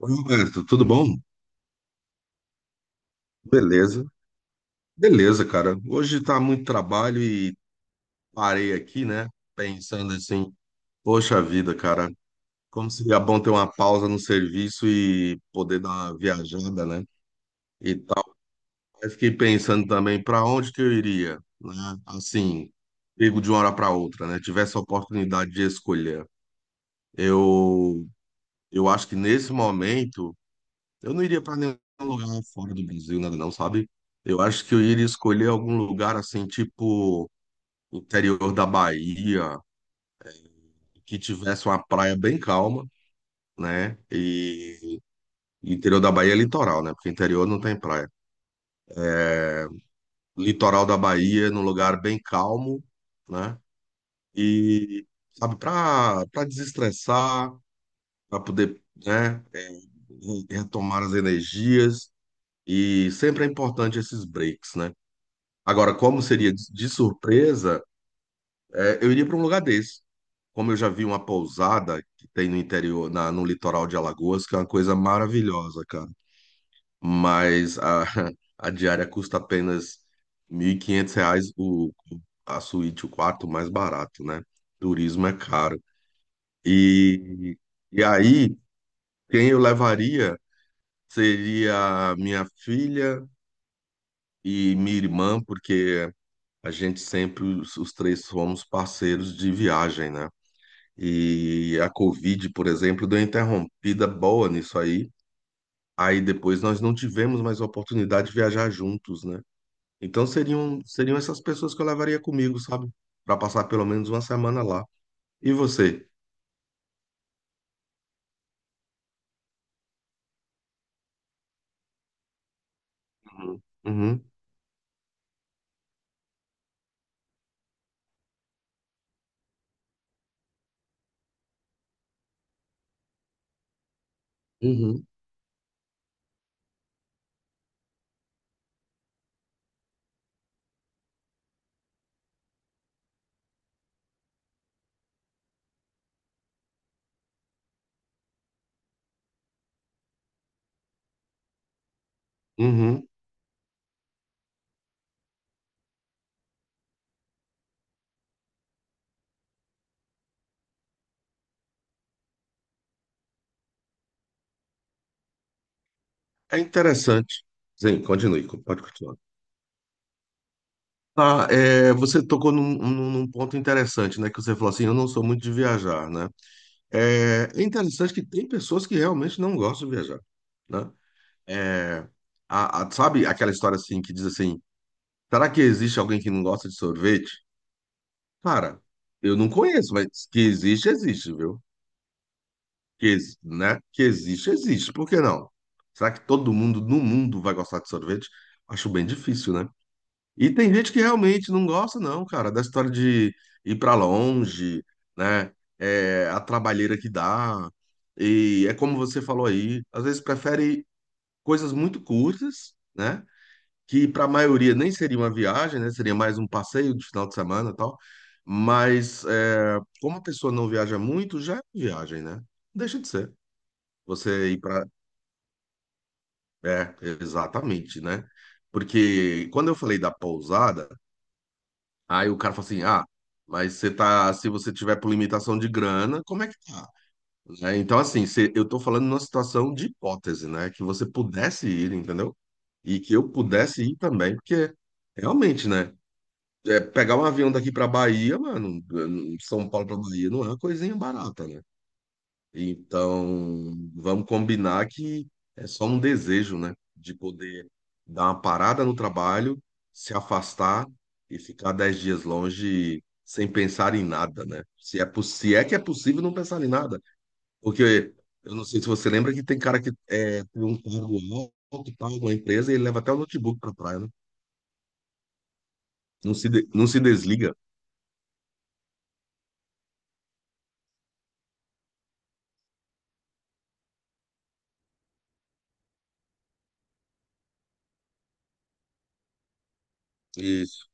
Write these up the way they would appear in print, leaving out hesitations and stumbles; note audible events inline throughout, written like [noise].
Oi, Roberto, tudo bom? Beleza, beleza, cara. Hoje tá muito trabalho e parei aqui, né? Pensando assim, poxa vida, cara, como seria bom ter uma pausa no serviço e poder dar uma viajada, né? E tal. Aí fiquei pensando também para onde que eu iria, né? Assim, pego de uma hora para outra, né? Tivesse a oportunidade de escolher. Eu, eu acho que nesse momento. Eu não iria para nenhum lugar fora do Brasil, nada não, sabe? Eu acho que eu iria escolher algum lugar assim, tipo interior da Bahia, que tivesse uma praia bem calma, né? E interior da Bahia é litoral, né? Porque interior não tem praia. Litoral da Bahia, num lugar bem calmo, né? E sabe, para desestressar, para poder, né, retomar as energias. E sempre é importante esses breaks, né? Agora, como seria de surpresa, eu iria para um lugar desse. Como eu já vi uma pousada que tem no interior, no litoral de Alagoas, que é uma coisa maravilhosa, cara. Mas [laughs] a diária custa apenas R$ 1.500 a suíte, o quarto mais barato, né? Turismo é caro. E, e aí, quem eu levaria seria minha filha e minha irmã, porque a gente sempre, os três fomos parceiros de viagem, né? E a Covid, por exemplo, deu uma interrompida boa nisso aí. Aí depois nós não tivemos mais oportunidade de viajar juntos, né? Então seriam essas pessoas que eu levaria comigo, sabe? Para passar pelo menos uma semana lá. E você? Uhum, uhum, uhum. Uhum. É interessante. Sim, continue, pode continuar. Ah, é, você tocou num ponto interessante, né? Que você falou assim, eu não sou muito de viajar, né? É interessante que tem pessoas que realmente não gostam de viajar, né? É, sabe aquela história assim que diz assim, será que existe alguém que não gosta de sorvete? Cara, eu não conheço, mas que existe, existe, viu? Né? Que existe, existe. Por que não? Será que todo mundo no mundo vai gostar de sorvete? Acho bem difícil, né? E tem gente que realmente não gosta, não, cara, da história de ir pra longe, né? É, a trabalheira que dá. E é como você falou aí, às vezes prefere coisas muito curtas, né? Que para a maioria nem seria uma viagem, né? Seria mais um passeio de final de semana e tal. Mas é, como a pessoa não viaja muito, já é viagem, né? Deixa de ser. Você ir para. É, exatamente, né? Porque quando eu falei da pousada. Aí o cara fala assim, ah, mas você tá, se você tiver por limitação de grana, como é que tá? Né? Então, assim, eu tô falando numa situação de hipótese, né? Que você pudesse ir, entendeu? E que eu pudesse ir também, porque realmente, né? Pegar um avião daqui pra Bahia, mano, São Paulo pra Bahia, não é uma coisinha barata, né? Então, vamos combinar que é só um desejo, né? De poder dar uma parada no trabalho, se afastar e ficar 10 dias longe sem pensar em nada, né? Se é que é possível não pensar em nada. Porque eu não sei se você lembra que tem cara que é, tem um cargo alto, tal, numa empresa, e ele leva até o notebook pra praia, né? Não se desliga. Isso.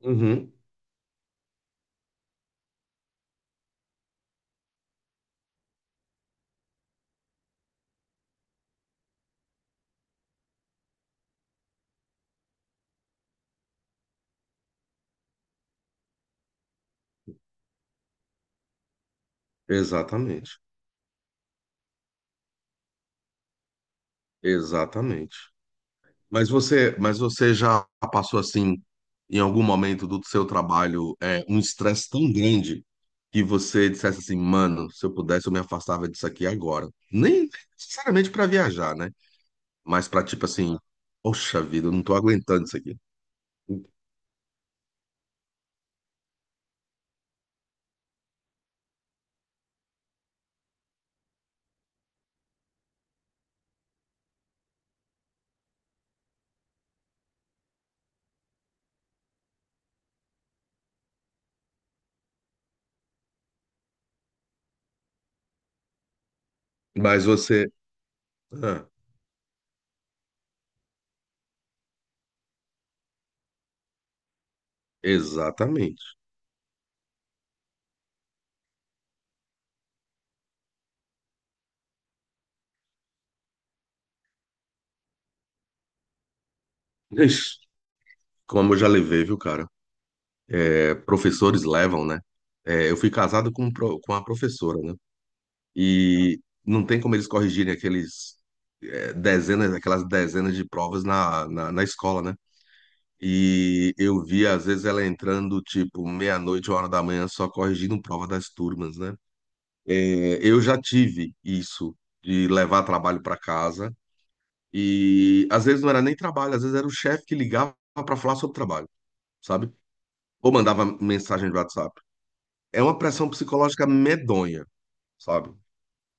Uhum. Exatamente. Exatamente. Mas você já passou assim, em algum momento do seu trabalho, um estresse tão grande que você dissesse assim, mano, se eu pudesse, eu me afastava disso aqui agora. Nem sinceramente para viajar, né? Mas para tipo assim, poxa vida, eu não tô aguentando isso aqui. Mas você, ah, exatamente. Ixi, como eu já levei, viu, cara? É, professores levam, né? É, eu fui casado com uma professora, né? E não tem como eles corrigirem aquelas dezenas de provas na escola, né? E eu vi, às vezes, ela entrando, tipo, meia-noite, 1 hora da manhã, só corrigindo prova das turmas, né? Eu já tive isso, de levar trabalho para casa. E às vezes não era nem trabalho, às vezes era o chefe que ligava para falar sobre trabalho, sabe? Ou mandava mensagem de WhatsApp. É uma pressão psicológica medonha, sabe?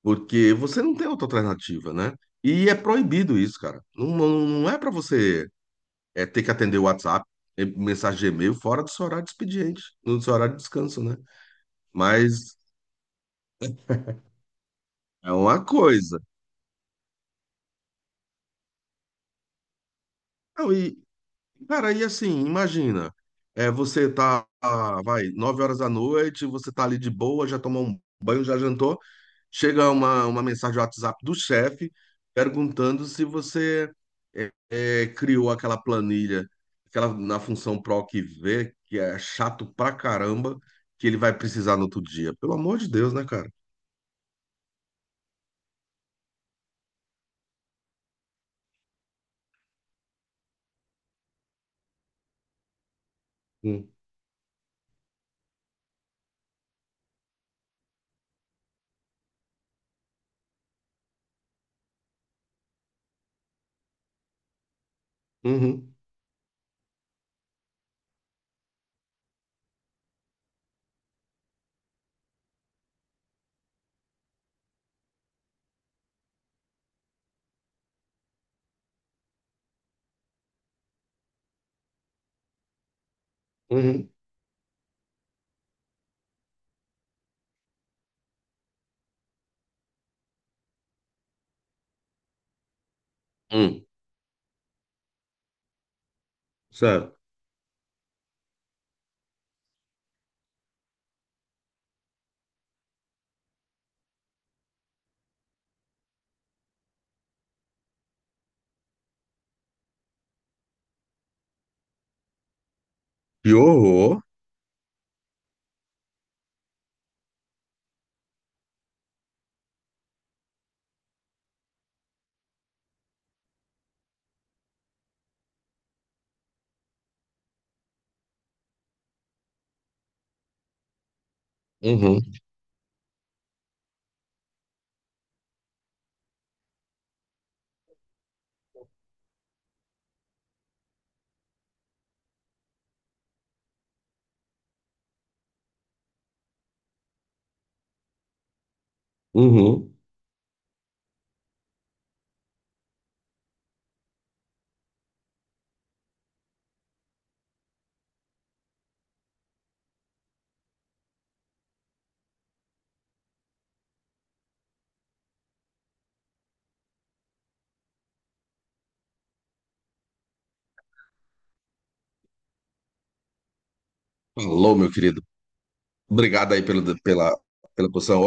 Porque você não tem outra alternativa, né? E é proibido isso, cara. Não, não, não é para você ter que atender o WhatsApp, mensagem de e-mail fora do seu horário de expediente, no seu horário de descanso, né? Mas é uma coisa. Não, e, cara, e assim, imagina, você tá, ah, vai, 9 horas da noite, você tá ali de boa, já tomou um banho, já jantou. Chega uma mensagem do WhatsApp do chefe perguntando se você criou aquela planilha, aquela na função PROC V, que é chato pra caramba, que ele vai precisar no outro dia. Pelo amor de Deus, né, cara? Hum. Uhum, uhum, hum. Sério. Que horror. Uhum, uhum. Alô, meu querido. Obrigado aí pela posição.